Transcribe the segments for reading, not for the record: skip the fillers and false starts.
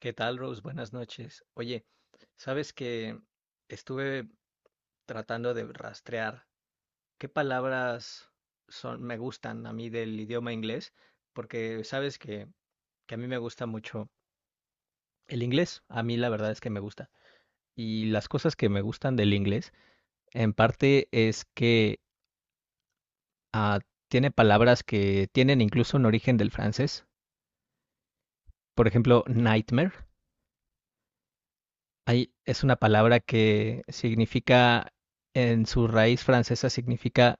¿Qué tal, Rose? Buenas noches. Oye, sabes que estuve tratando de rastrear qué palabras son, me gustan a mí del idioma inglés, porque sabes que, a mí me gusta mucho el inglés. A mí la verdad es que me gusta. Y las cosas que me gustan del inglés, en parte es que ah, tiene palabras que tienen incluso un origen del francés. Por ejemplo, nightmare. Hay, es una palabra que significa, en su raíz francesa, significa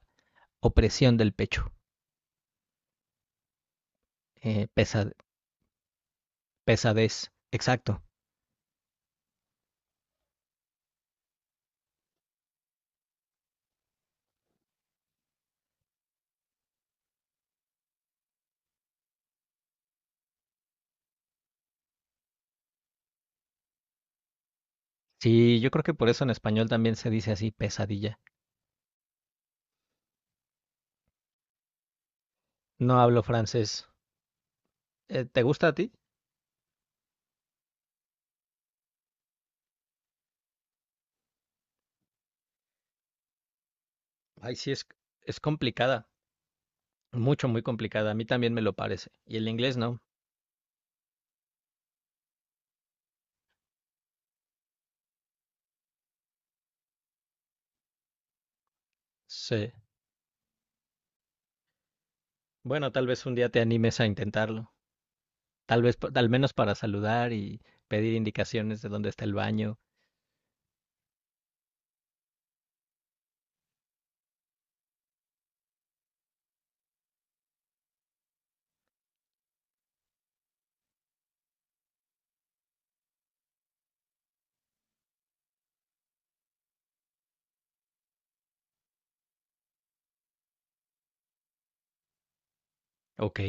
opresión del pecho, eh, pesa- pesadez. Exacto. Sí, yo creo que por eso en español también se dice así, pesadilla. No hablo francés. ¿Te gusta a ti? Ay, sí, es complicada. Mucho, muy complicada. A mí también me lo parece. Y el inglés no. Sí. Bueno, tal vez un día te animes a intentarlo. Tal vez, al menos para saludar y pedir indicaciones de dónde está el baño. Ok.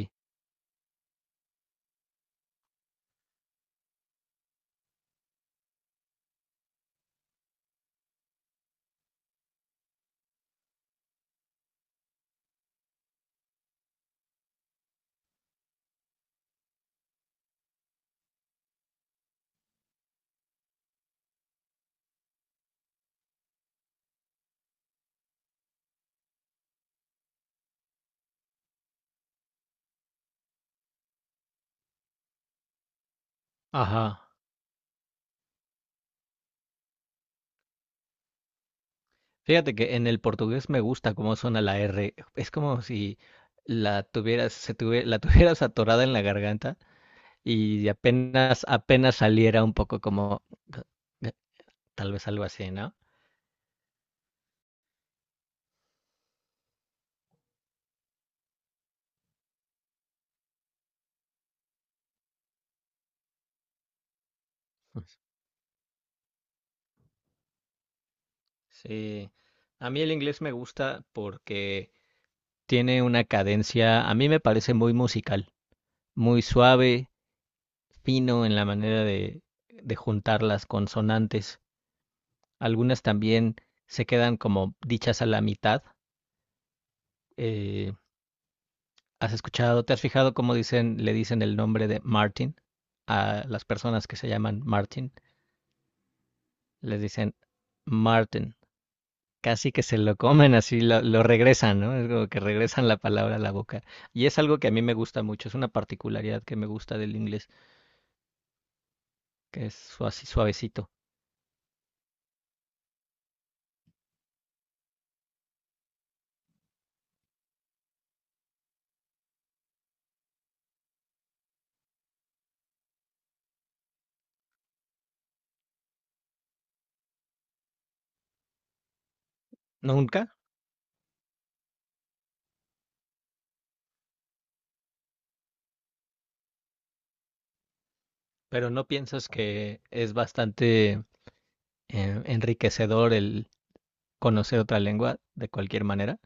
Ajá. Fíjate que en el portugués me gusta cómo suena la R. Es como si la tuvieras atorada en la garganta y apenas, apenas saliera un poco como tal vez algo así, ¿no? Sí. A mí el inglés me gusta porque tiene una cadencia, a mí me parece muy musical, muy suave, fino en la manera de juntar las consonantes. Algunas también se quedan como dichas a la mitad. eh, Te has fijado cómo dicen, le dicen el nombre de Martin a las personas que se llaman Martin? Les dicen Martin. Casi que se lo comen así, lo regresan, ¿no? Es como que regresan la palabra a la boca. Y es algo que a mí me gusta mucho, es una particularidad que me gusta del inglés, así suavecito. Nunca, pero no piensas que es bastante enriquecedor el conocer otra lengua de cualquier manera.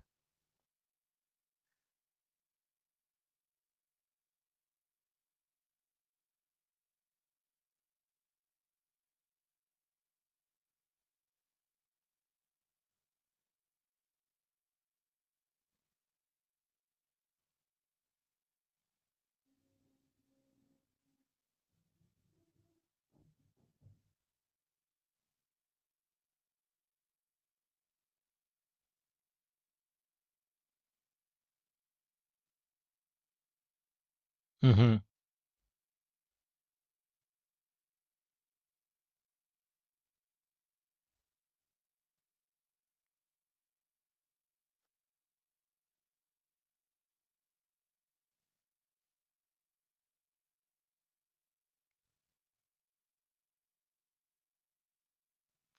Ujú.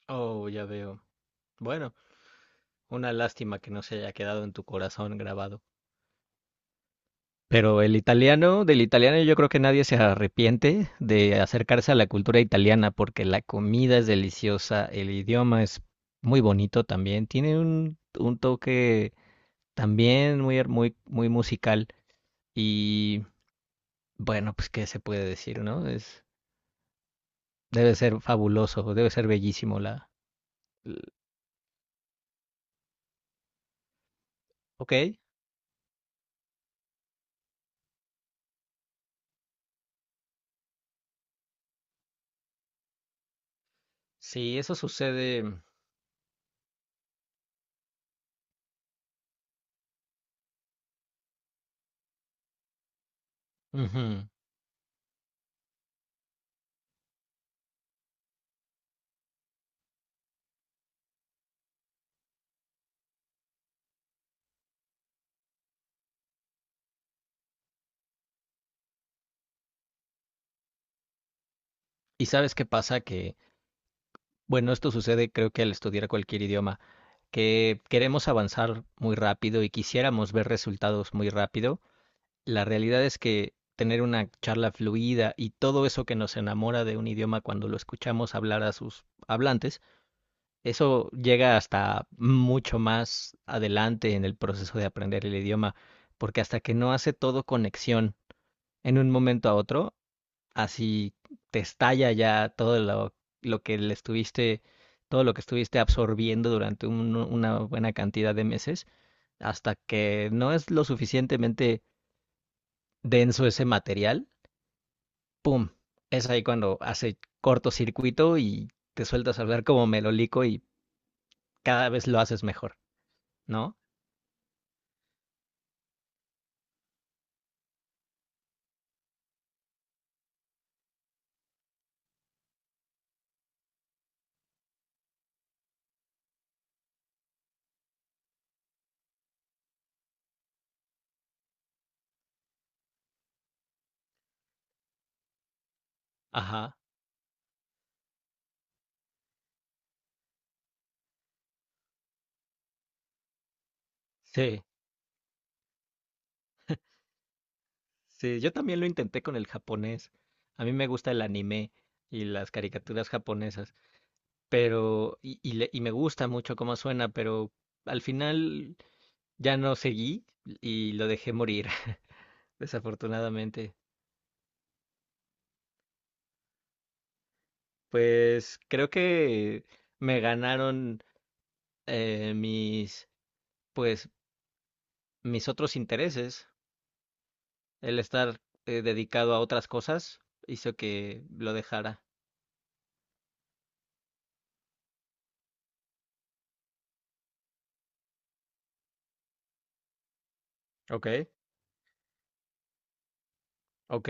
Oh, ya veo. Bueno. Una lástima que no se haya quedado en tu corazón grabado. Pero el italiano, del italiano yo creo que nadie se arrepiente de acercarse a la cultura italiana porque la comida es deliciosa, el idioma es muy bonito también, tiene un toque también muy, muy, muy musical y bueno, pues qué se puede decir, ¿no? Es, debe ser fabuloso, debe ser bellísimo la... l- Ok, sí, eso sucede. Ujú. ¿Y sabes qué pasa? Que Bueno, esto sucede creo que al estudiar cualquier idioma, que queremos avanzar muy rápido y quisiéramos ver resultados muy rápido. La realidad es que tener una charla fluida y todo eso que nos enamora de un idioma cuando lo escuchamos hablar a sus hablantes, eso llega hasta mucho más adelante en el proceso de aprender el idioma, porque hasta que no hace todo conexión en un momento a otro, así te estalla ya lo que le estuviste, todo lo que estuviste absorbiendo durante una buena cantidad de meses, hasta que no es lo suficientemente denso ese material, ¡pum! Es ahí cuando hace cortocircuito y te sueltas a hablar como melolico y cada vez lo haces mejor, ¿no? Ajá, sí, sí, yo también lo intenté con el japonés. A mí me gusta el anime y las caricaturas japonesas. Y me gusta mucho cómo suena, pero al final ya no seguí y lo dejé morir, desafortunadamente. Pues creo que me ganaron eh, mis, pues, mis otros intereses. El estar dedicado a otras cosas hizo que lo dejara. Ok, ok.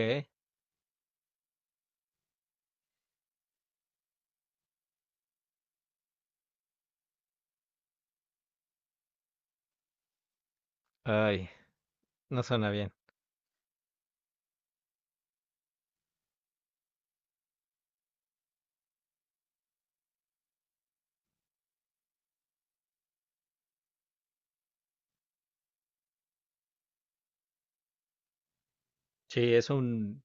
Ay, no suena bien. Sí,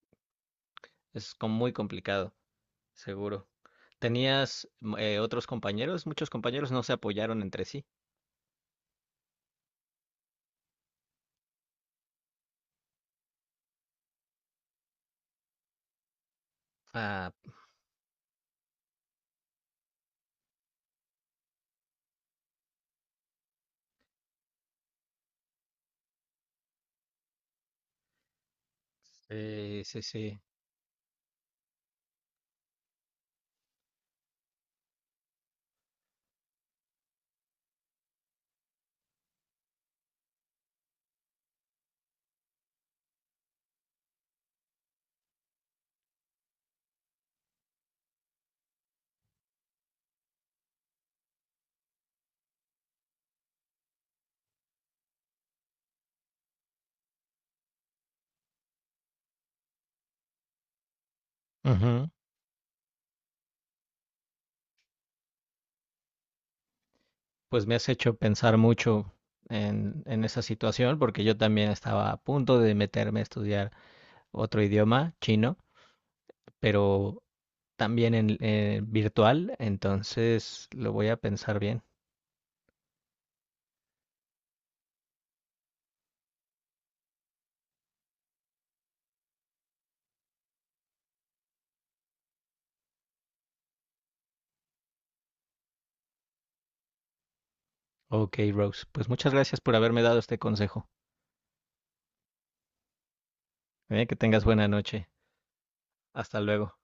es como muy complicado. Seguro. ¿Tenías otros compañeros? Muchos compañeros no se apoyaron entre sí. Ah, sí, sí, sí. Ujú. Pues me has hecho pensar mucho en esa situación porque yo también estaba a punto de meterme a estudiar otro idioma, chino, pero también en, virtual, entonces lo voy a pensar bien. Ok, Rose, pues muchas gracias por haberme dado este consejo. Que tengas buena noche. Hasta luego.